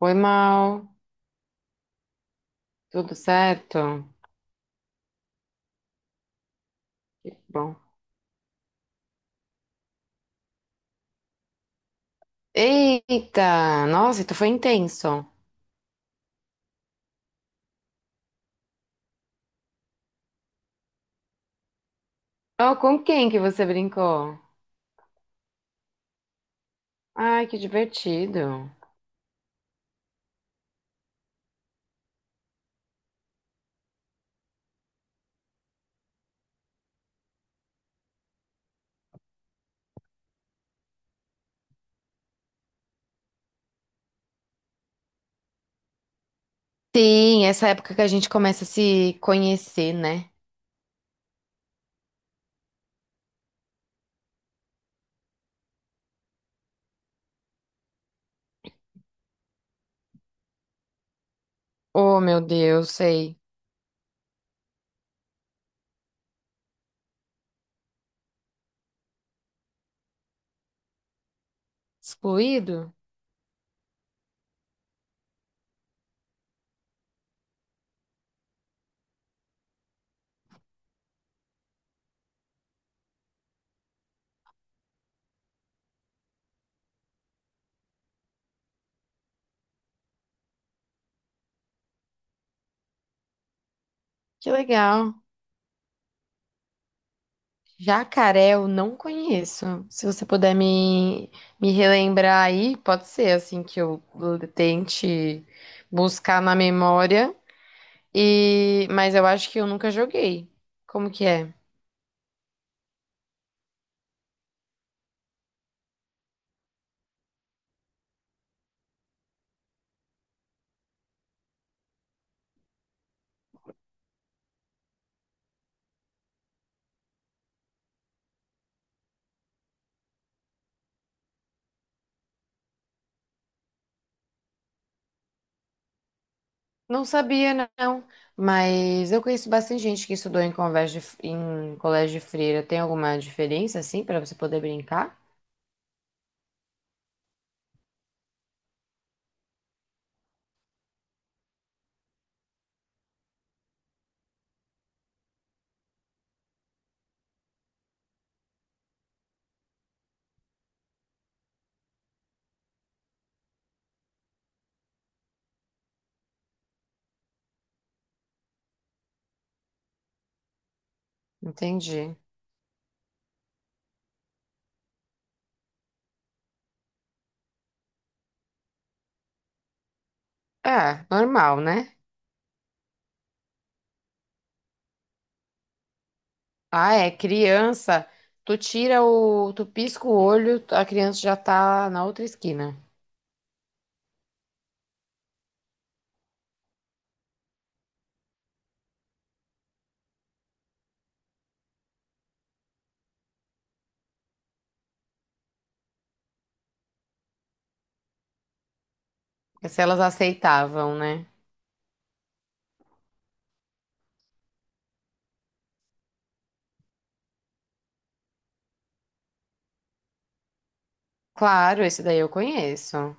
Oi, Mal. Tudo certo? Que bom. Eita! Nossa, então foi intenso. Oh, com quem que você brincou? Ai, que divertido. Sim, essa época que a gente começa a se conhecer, né? Oh, meu Deus, sei. Excluído? Que legal. Jacaré eu não conheço. Se você puder me, me relembrar aí, pode ser assim que eu tente buscar na memória. E, mas eu acho que eu nunca joguei. Como que é? Não sabia, não. Mas eu conheço bastante gente que estudou em colégio de freira. Tem alguma diferença, assim, para você poder brincar? Entendi. É, normal, né? Ah, é, criança. Tu tira o. Tu pisca o olho, a criança já tá na outra esquina. É. Se elas aceitavam, né? Claro, esse daí eu conheço.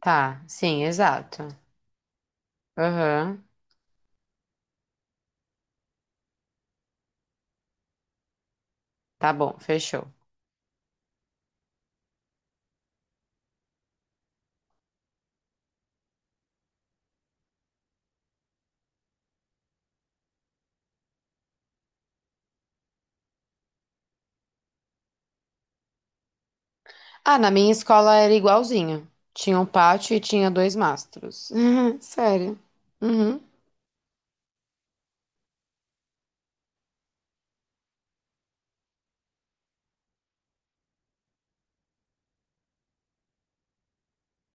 Tá, sim, exato. Aham. Tá bom, fechou. Ah, na minha escola era igualzinho. Tinha um pátio e tinha dois mastros. Sério. Uhum.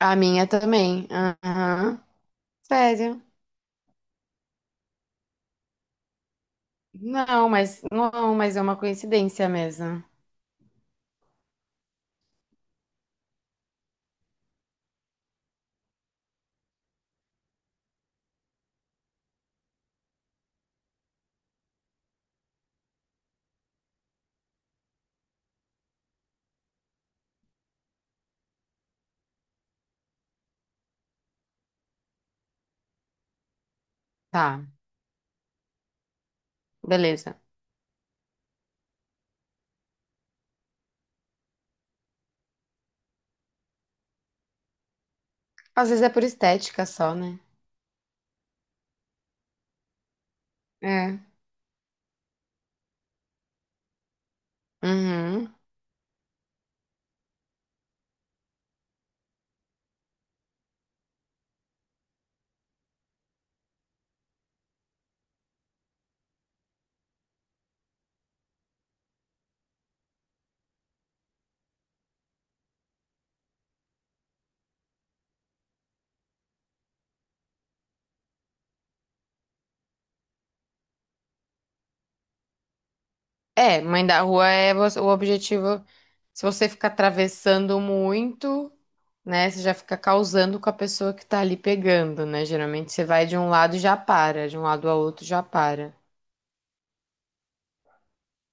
A minha também. Aham. Sério. Não, mas é uma coincidência mesmo. Tá, beleza. Às vezes é por estética só, né? É. Uhum. É, mãe da rua é o objetivo. Se você ficar atravessando muito, né? Você já fica causando com a pessoa que tá ali pegando, né? Geralmente você vai de um lado e já para, de um lado ao outro já para.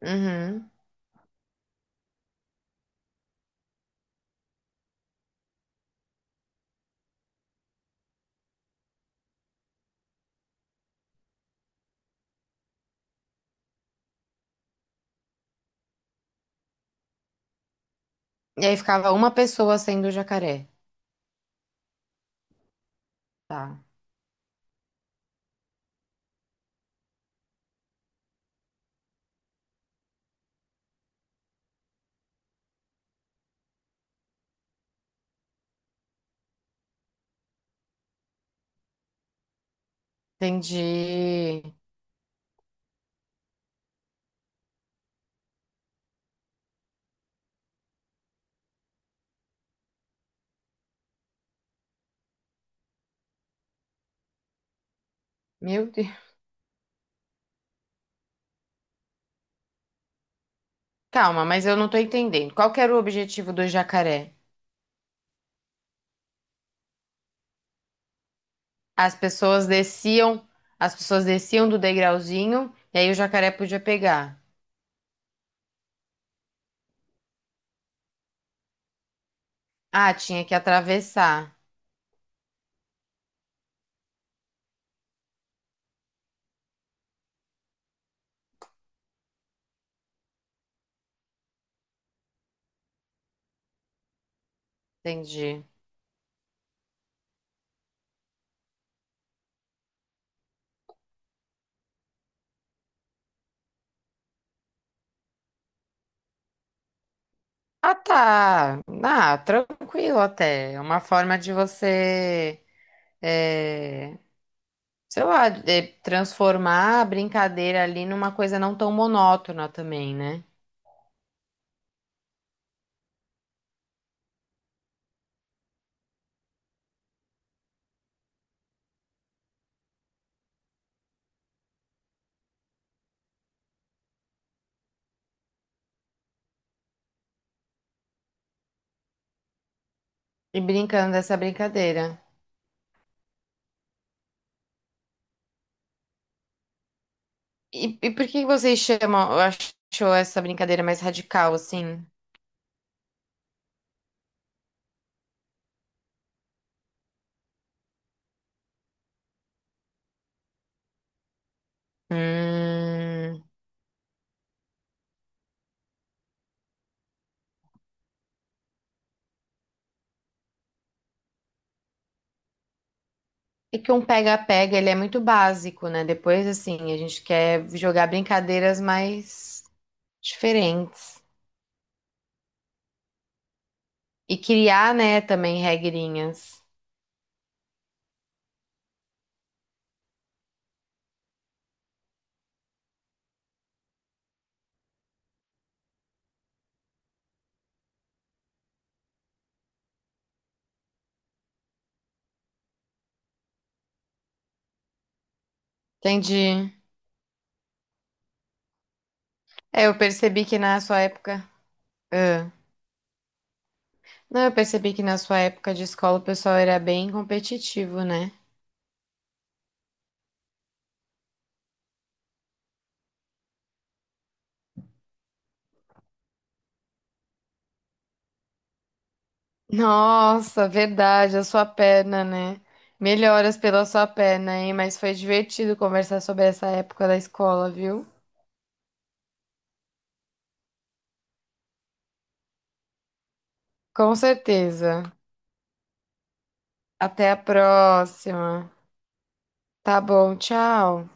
Uhum. E aí ficava uma pessoa sendo o jacaré. Tá. Entendi. Meu Deus. Calma, mas eu não tô entendendo. Qual que era o objetivo do jacaré? As pessoas desciam, as pessoas desciam do degrauzinho e aí o jacaré podia pegar. Ah, tinha que atravessar. Entendi. Ah, tá. Ah, tranquilo até. É uma forma de você, é, sei lá, é, transformar a brincadeira ali numa coisa não tão monótona também, né? E brincando dessa brincadeira. E por que vocês chamam, achou essa brincadeira mais radical, assim? Hum, é que um pega-pega, ele é muito básico, né? Depois, assim, a gente quer jogar brincadeiras mais diferentes. E criar, né, também regrinhas. Entendi. É, eu percebi que na sua época... Ah. Não, eu percebi que na sua época de escola o pessoal era bem competitivo, né? Nossa, verdade, a sua perna, né? Melhoras pela sua perna, hein? Mas foi divertido conversar sobre essa época da escola, viu? Com certeza. Até a próxima. Tá bom, tchau.